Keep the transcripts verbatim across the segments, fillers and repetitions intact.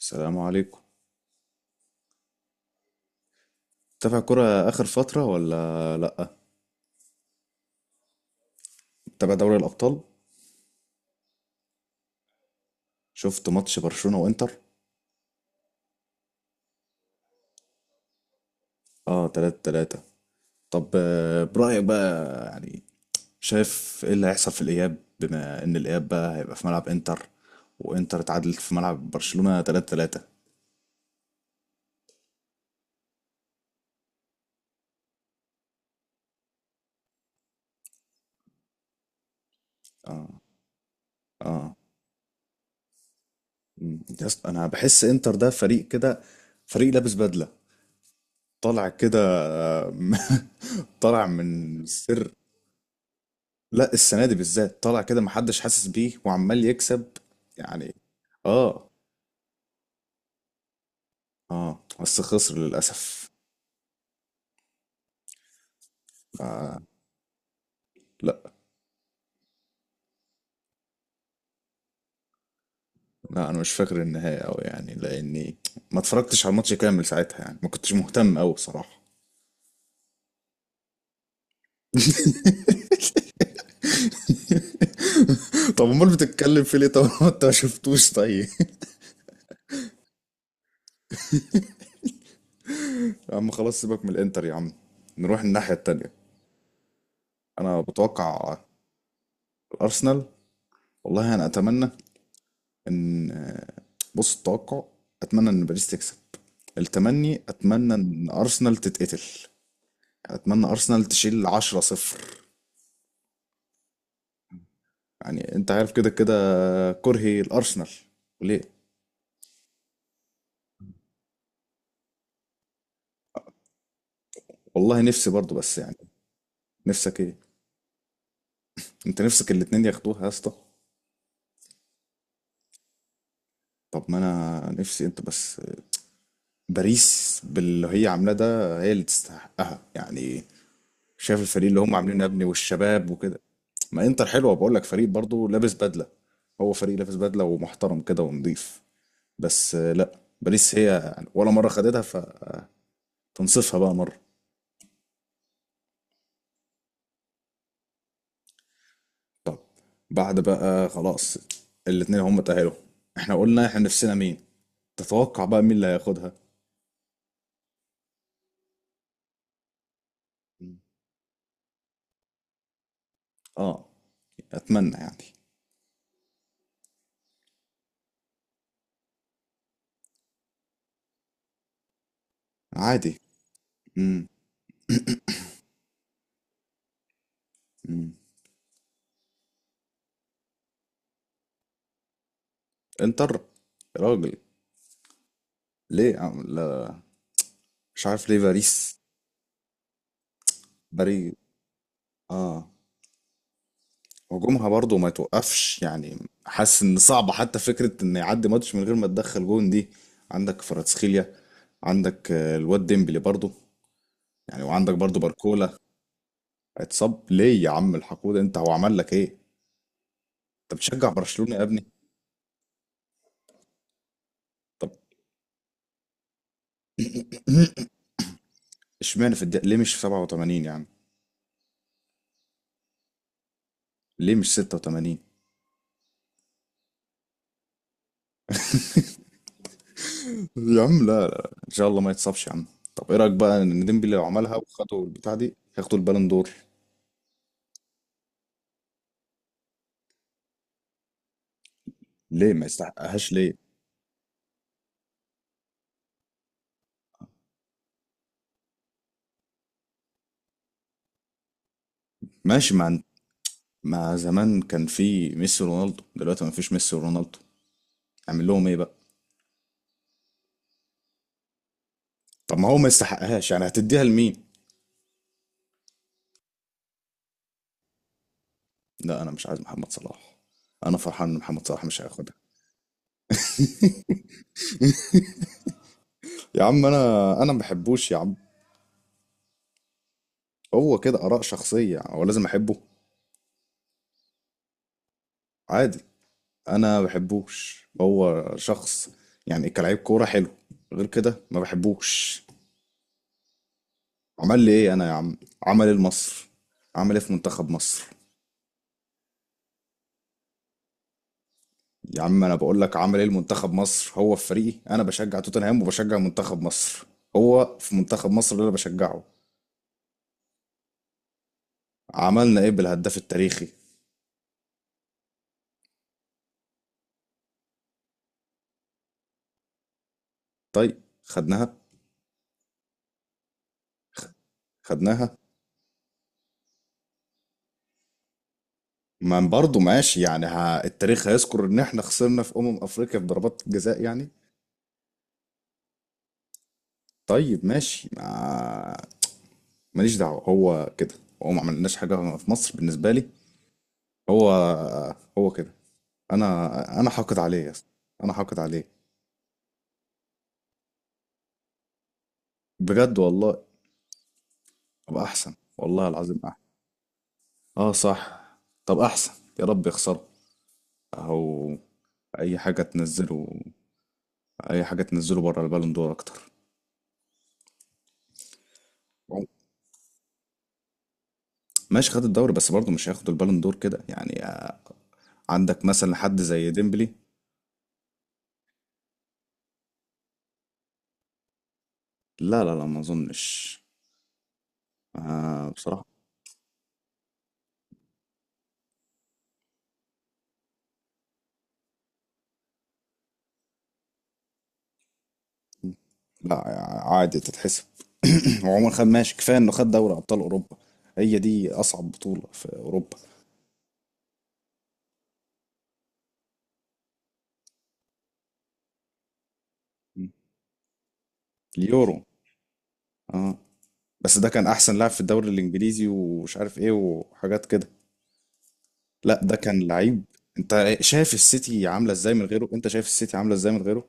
السلام عليكم. تابع كرة آخر فترة ولا لأ؟ تابع دوري الأبطال؟ شفت ماتش برشلونة وإنتر؟ آه، تلاتة تلاتة. طب آه، برأيك بقى يعني شايف إيه اللي هيحصل في الإياب، بما إن الإياب بقى هيبقى في ملعب إنتر وإنتر اتعادلت في ملعب برشلونة تلاتة تلاتة. آه. آه. مم. يا اسطى أنا بحس إنتر ده فريق كده، فريق لابس بدلة، طالع كده. آه، طالع من سر. لا، السنة دي بالذات طالع كده محدش حاسس بيه وعمال يكسب، يعني. اه. اه بس خسر للأسف. لا لا، انا مش فاكر النهاية اوي يعني، لاني ما اتفرجتش على الماتش كامل ساعتها، يعني ما كنتش مهتم اوي بصراحة. طب امال بتتكلم في ليه طب؟ ما انت ما شفتوش طيب. يا عم خلاص، سيبك من الانتر يا عم، نروح الناحية التانية. انا بتوقع الارسنال. والله انا اتمنى ان آه، بص، التوقع اتمنى ان باريس تكسب. التمني اتمنى ان ارسنال تتقتل. اتمنى ارسنال تشيل عشرة صفر، يعني انت عارف كده كده كرهي الارسنال وليه. والله نفسي برضو، بس يعني. نفسك ايه؟ انت نفسك الاتنين ياخدوها يا اسطى؟ طب ما انا نفسي انت بس. باريس باللي هي عاملاه ده هي اللي تستحقها يعني. شايف الفريق اللي هم عاملينه يا ابني، والشباب وكده. ما انتر حلوه، بقول لك فريق برضو لابس بدله. هو فريق لابس بدله ومحترم كده ونضيف. بس آه، لا، باريس هي ولا مره خدتها، فتنصفها بقى مره. طب بعد بقى خلاص، الاتنين هم تأهلوا. احنا قلنا احنا نفسنا مين. تتوقع بقى مين اللي هياخدها؟ اه، اتمنى يعني. عادي. امم امم انتر؟ يا راجل، ليه يا عم؟ لا، مش عارف ليه. باريس. باريس. اه، هجومها برضو ما توقفش يعني. حاسس ان صعب حتى فكرة ان يعدي ماتش من غير ما تدخل جون دي. عندك فراتسخيليا، عندك آه، الواد ديمبلي برضو، يعني وعندك برضو باركولا. اتصاب ليه يا عم الحقود؟ انت هو عمل لك ايه؟ انت بتشجع برشلونة يا ابني؟ طب اشمعنى في الدقيقة؟ ليه مش في سبعة وثمانين يا عم؟ ليه مش ستة وثمانين يا عم؟ لا لا، ان شاء الله ما يتصابش يا عم. طب ايه رايك بقى ان ديمبلي لو عملها وخدوا البتاع دي هياخدوا البالون دور؟ ليه ما يستحقهاش ليه؟ ماشي. ما ما زمان كان في ميسي ورونالدو، دلوقتي ما فيش ميسي ورونالدو، اعمل لهم ايه بقى؟ طب ما هو ما يستحقهاش يعني هتديها لمين؟ لا انا مش عايز محمد صلاح. انا فرحان ان محمد صلاح مش هياخدها. يا عم انا انا ما بحبوش يا عم. هو كده اراء شخصيه، هو لازم احبه؟ عادي. انا ما بحبوش هو شخص، يعني كلاعب كوره حلو، غير كده ما بحبوش. عمل لي ايه انا يا عم؟ عمل ايه لمصر؟ عمل ايه في منتخب مصر؟ يا عم انا بقول لك عمل ايه المنتخب مصر. هو في فريقي انا بشجع توتنهام، وبشجع منتخب مصر. هو في منتخب مصر اللي انا بشجعه. عملنا ايه بالهداف التاريخي؟ طيب خدناها؟ خدناها؟ ما برضه ماشي يعني. ها، التاريخ هيذكر ان احنا خسرنا في امم افريقيا في ضربات جزاء يعني. طيب ماشي. ما ماليش دعوة، هو كده. هو ما عملناش حاجة في مصر بالنسبة لي. هو. هو كده انا انا حاقد عليه يا اسطى. انا حاقد عليه. بجد والله؟ ابقى احسن والله العظيم. اه صح، طب احسن، يا رب يخسروا. اهو. اي حاجه تنزله. اي حاجه تنزله بره البالون دور اكتر. ماشي، خد الدوري، بس برضه مش هياخد البالون دور كده يعني. آه، عندك مثلا حد زي ديمبلي. لا لا لا، ما اظنش. آه بصراحه. لا آه، عادي تتحسب. وعمر خد ماشي، كفايه انه خد دوري ابطال اوروبا. هي دي اصعب بطوله في اوروبا. م. اليورو. اه، بس ده كان احسن لاعب في الدوري الانجليزي ومش عارف ايه وحاجات كده. لا ده كان لعيب. انت شايف السيتي عامله ازاي من غيره؟ انت شايف السيتي عامله ازاي من غيره؟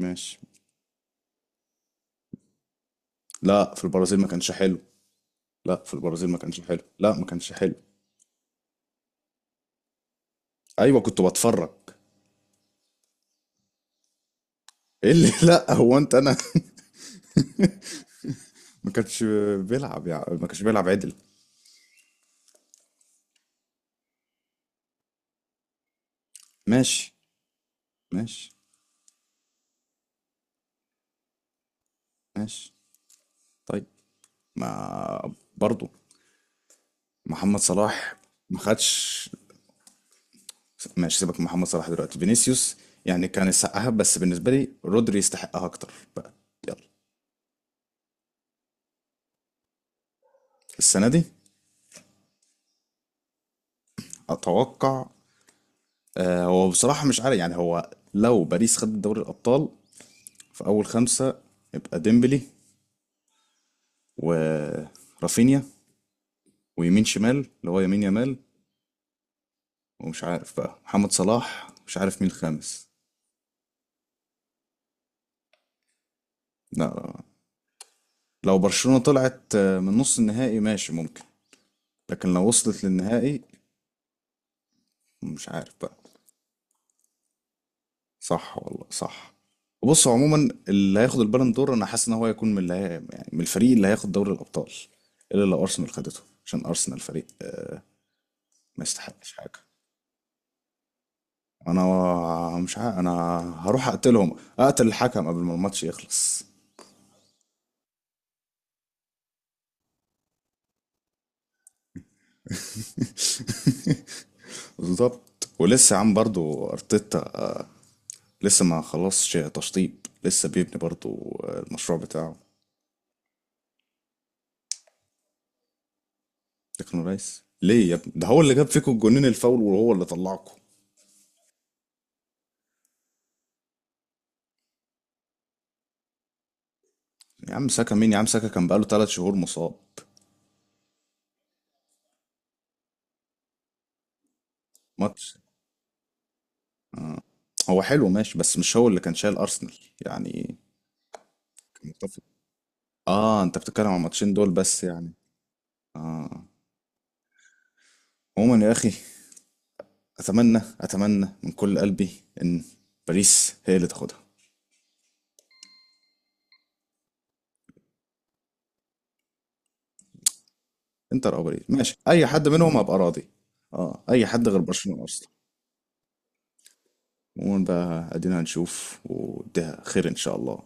ماشي. لا في البرازيل ما كانش حلو. لا في البرازيل ما كانش حلو. لا ما كانش حلو. ايوه كنت بتفرج. ايه اللي لا هو انت انا ما كانش بيلعب يعني، ما كانش بيلعب عدل. ماشي ماشي ماشي. طيب. ما برضو محمد صلاح ما خدش. ماشي، سيبك من محمد صلاح دلوقتي. فينيسيوس يعني كان يستحقها، بس بالنسبه لي رودري يستحقها اكتر بقى. يلا. السنه دي اتوقع آه، هو بصراحة مش عارف يعني. هو لو باريس خد دوري الابطال، في اول خمسة يبقى ديمبلي ورافينيا ويمين شمال اللي هو يمين يمال، ومش عارف بقى محمد صلاح، مش عارف مين الخامس. لا لو برشلونة طلعت آه، من نص النهائي ماشي ممكن، لكن لو وصلت للنهائي مش عارف بقى. صح والله صح. بص هو عموما اللي هياخد البالون دور انا حاسس ان هو هيكون من اللي هي... يعني من الفريق اللي هياخد دوري الابطال، الا لو ارسنال خدته. عشان ارسنال فريق آه، ما يستحقش حاجه. انا مش عارف انا هروح اقتلهم، اقتل الحكم قبل ما الماتش يخلص. بالظبط. ولسه يا عم برضو ارتيتا لسه ما خلصش تشطيب، لسه بيبني برضو آه، المشروع بتاعه. تكنو ريس ليه يا ابني؟ ده هو اللي جاب فيكم الجونين الفاول وهو اللي طلعكم. يا عم ساكا مين يا عم؟ ساكا كان بقاله ثلاث شهور مصاب. ماتش. هو حلو ماشي بس مش هو اللي كان شايل أرسنال يعني. كان متفق. اه انت بتتكلم عن الماتشين دول بس يعني. اه. عموما يا اخي، اتمنى اتمنى من كل قلبي ان باريس هي اللي تاخدها. انتر او باريس ماشي، اي حد منهم هبقى راضي. اه اي حد غير برشلونة اصلا. عموما بقى ادينا هنشوف، وده خير ان شاء الله.